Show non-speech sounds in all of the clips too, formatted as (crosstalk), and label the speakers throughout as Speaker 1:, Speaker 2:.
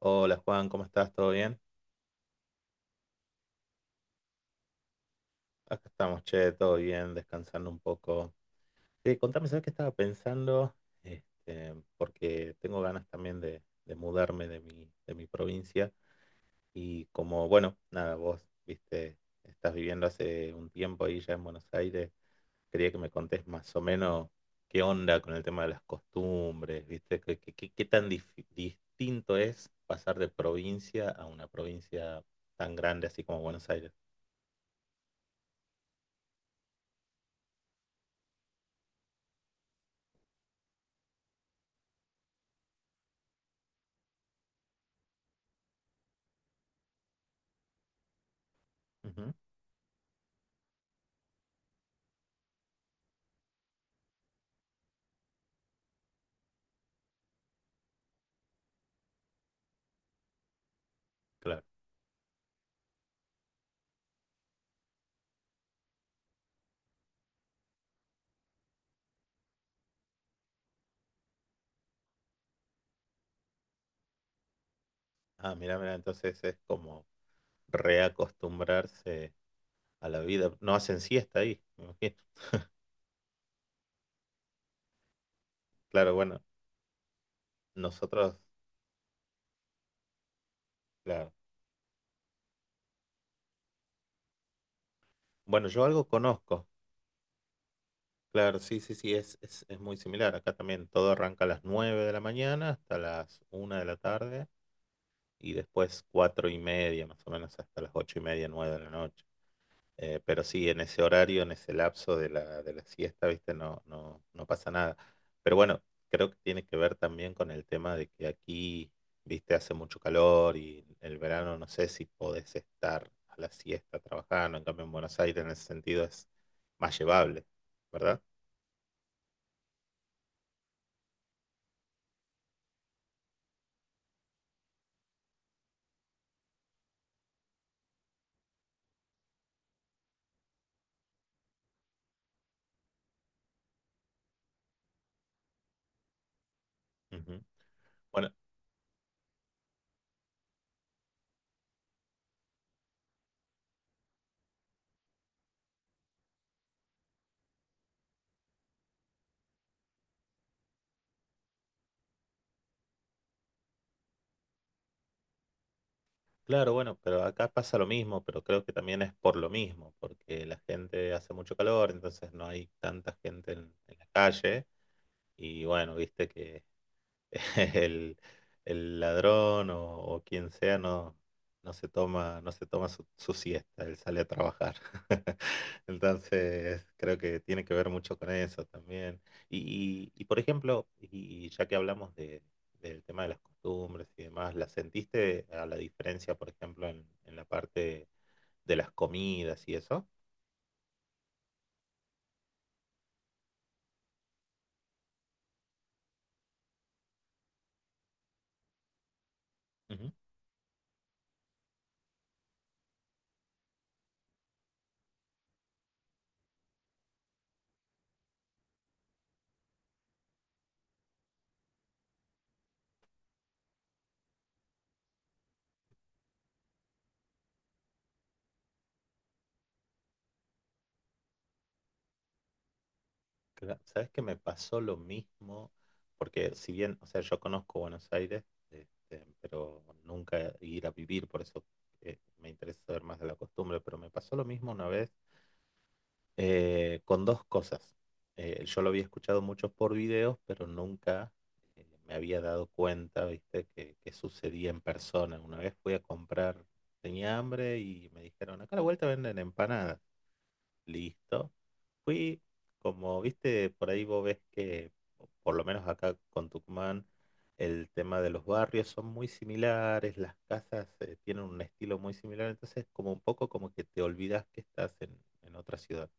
Speaker 1: Hola Juan, ¿cómo estás? ¿Todo bien? Acá estamos, che, todo bien, descansando un poco. Sí, contame, ¿sabes qué estaba pensando? Porque tengo ganas también de mudarme de mi provincia. Y como, bueno, nada, vos, viste, estás viviendo hace un tiempo ahí ya en Buenos Aires. Quería que me contés más o menos qué onda con el tema de las costumbres, viste, qué tan distinto es pasar de provincia a una provincia tan grande así como Buenos Aires. Ujú, claro. Ah, mira, mira, entonces es como reacostumbrarse a la vida. No hacen siesta ahí, me imagino. Claro, bueno, nosotros, claro. Bueno, yo algo conozco. Claro, sí, sí, sí, es muy similar. Acá también todo arranca a las 9 de la mañana hasta las 1 de la tarde y después 4:30, más o menos, hasta las 8:30, 9 de la noche. Pero sí, en ese horario, en ese lapso de la siesta, ¿viste? No, no, no pasa nada. Pero bueno, creo que tiene que ver también con el tema de que aquí, ¿viste? Hace mucho calor y el verano no sé si podés estar a la siesta trabajando. En cambio, en Buenos Aires en ese sentido es más llevable, ¿verdad? Ujú. Bueno, claro, bueno, pero acá pasa lo mismo, pero creo que también es por lo mismo, porque la gente hace mucho calor, entonces no hay tanta gente en la calle y bueno, viste que (laughs) El, el ladrón o quien sea no, no se toma su siesta, él sale a trabajar. (laughs) Entonces, creo que tiene que ver mucho con eso también. Y, por ejemplo, y ya que hablamos del tema de las costumbres y demás, ¿la sentiste a la diferencia, por ejemplo, en la parte de las comidas y eso? Sabes que me pasó lo mismo, porque si bien, o sea, yo conozco Buenos Aires, pero nunca ir a vivir, por eso me interesa saber más de la costumbre, pero me pasó lo mismo una vez con dos cosas. Yo lo había escuchado mucho por videos, pero nunca me había dado cuenta, ¿viste? Que sucedía en persona. Una vez fui a comprar, tenía hambre y me dijeron, acá a la vuelta venden empanadas. Listo. Fui, como viste, por ahí vos ves que, por lo menos acá con Tucumán, el tema de los barrios son muy similares, las casas tienen un estilo muy similar, entonces como un poco como que te olvidas que estás en otra ciudad.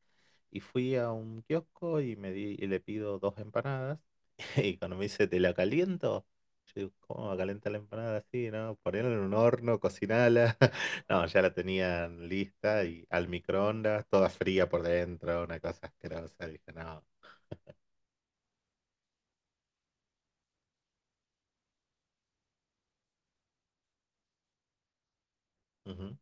Speaker 1: Y fui a un kiosco y le pido dos empanadas. (laughs) Y cuando me dice, ¿te la caliento? Yo digo, ¿cómo va a calentar la empanada así, no? Ponerla en un horno, cocinala. (laughs) No, ya la tenían lista y al microondas, toda fría por dentro, una cosa asquerosa. Dije, no. Ujú.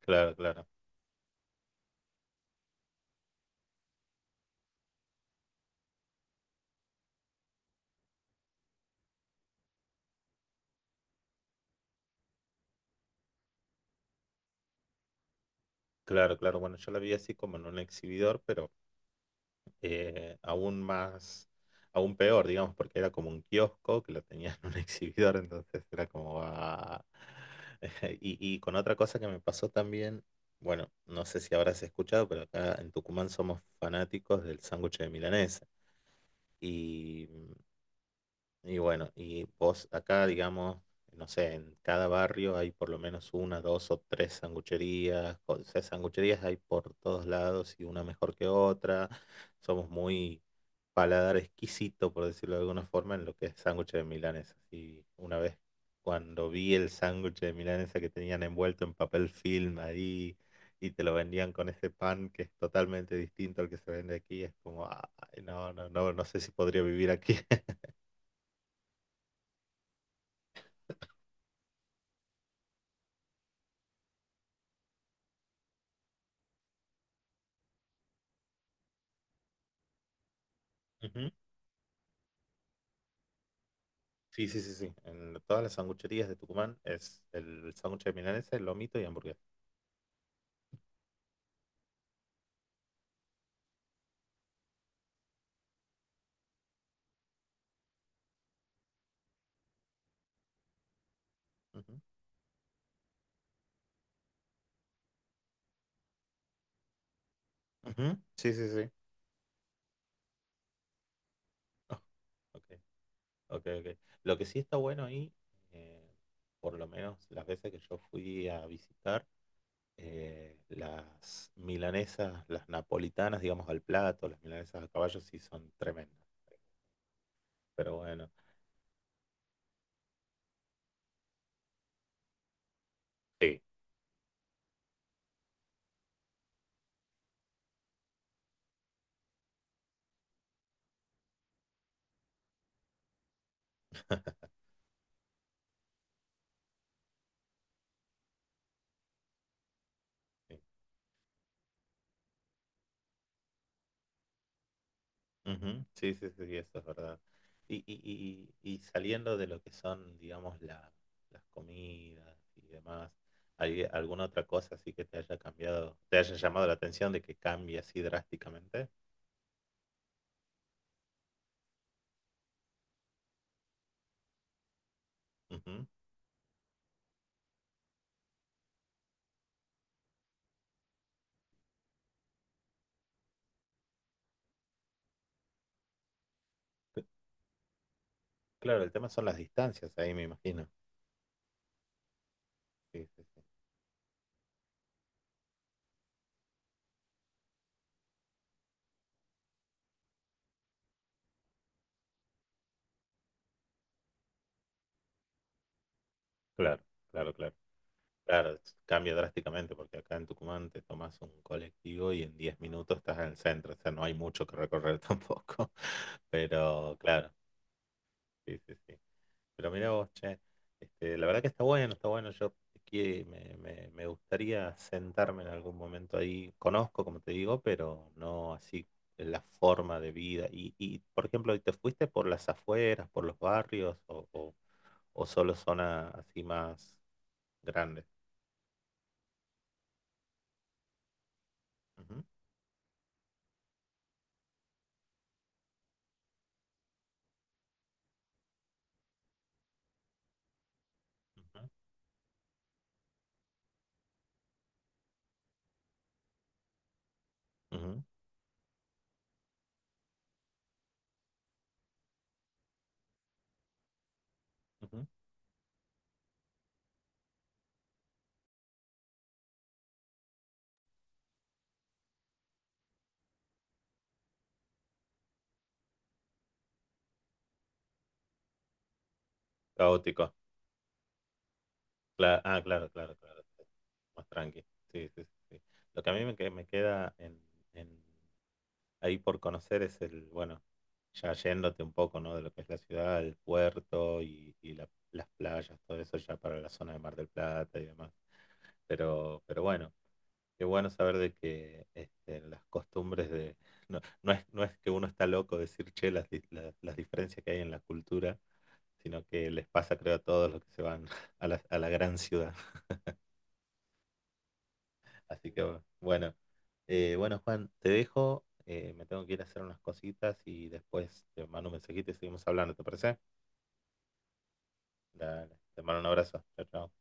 Speaker 1: Claro, claro. Claro, claro. Bueno, yo la vi así como en un exhibidor, pero aún más, aún peor, digamos, porque era como un kiosco que lo tenía en un (laughs) exhibidor, entonces era como... ah, (laughs) Y con otra cosa que me pasó también, bueno, no sé si habrás escuchado, pero acá en Tucumán somos fanáticos del sándwich de milanesa. Y y bueno, y vos acá, digamos, no sé, en cada barrio hay por lo menos una, dos o tres sangucherías. O sea, sangucherías hay por todos lados y una mejor que otra. Somos muy paladar exquisito, por decirlo de alguna forma, en lo que es sándwich de milanesa. Y una vez cuando vi el sándwich de milanesa que tenían envuelto en papel film ahí y te lo vendían con ese pan que es totalmente distinto al que se vende aquí, es como, ay, no, no, no, no sé si podría vivir aquí. (laughs) Sí, sí, sí, sí. En todas las sangucherías de Tucumán es el sándwich de milanesa, el lomito y hamburguesa. Ujú, ujú, sí, sí, sí. Ah, ok, ok, ok. Lo que sí está bueno ahí, eh, por lo menos las veces que yo fui a visitar, las milanesas, las napolitanas, digamos, al plato, las milanesas a caballo sí son tremendas. Pero bueno, sí. Ujú, sí, sí, sí, eso es verdad. Y saliendo de lo que son, digamos, las comidas y demás, ¿hay alguna otra cosa así que te haya cambiado, te haya llamado la atención de que cambie así drásticamente? Ujú. C- Claro, el tema son las distancias ahí, me imagino. Sí, sí, sí. Claro, claro, claro. Claro, cambia drásticamente porque acá en Tucumán te tomas un colectivo y en 10 minutos estás en el centro, o sea, no hay mucho que recorrer (laughs) tampoco. Pero claro, sí, sí, sí. Pero mirá vos, che, la verdad que está bueno, está bueno. Yo que me gustaría sentarme en algún momento ahí. Conozco, como te digo, pero no así la forma de vida. Y por ejemplo, ¿te fuiste por las afueras, por los barrios o solo zona así más grande? Ujú, ujú, ujú, ujú. Caótico. Ah, claro, claro, claro. Más tranqui. Sí, sí, sí. Sí. Lo que a mí me queda en, ahí por conocer es el, bueno, ya yéndote un poco, ¿no? De lo que es la ciudad, el puerto y las playas, todo eso ya para la zona de Mar del Plata y demás. Pero bueno, qué bueno saber de que las costumbres de... No, no es que uno está loco decir, che, las diferencias que hay en la cultura, sino que les pasa, creo, a todos los que se van (laughs) a la gran ciudad. Así que bueno. Bueno, Juan, te dejo, me tengo que ir a hacer unas cositas y después te mando un mensajito y seguimos hablando, ¿te parece? Dale, te mando un abrazo. Chao, chao.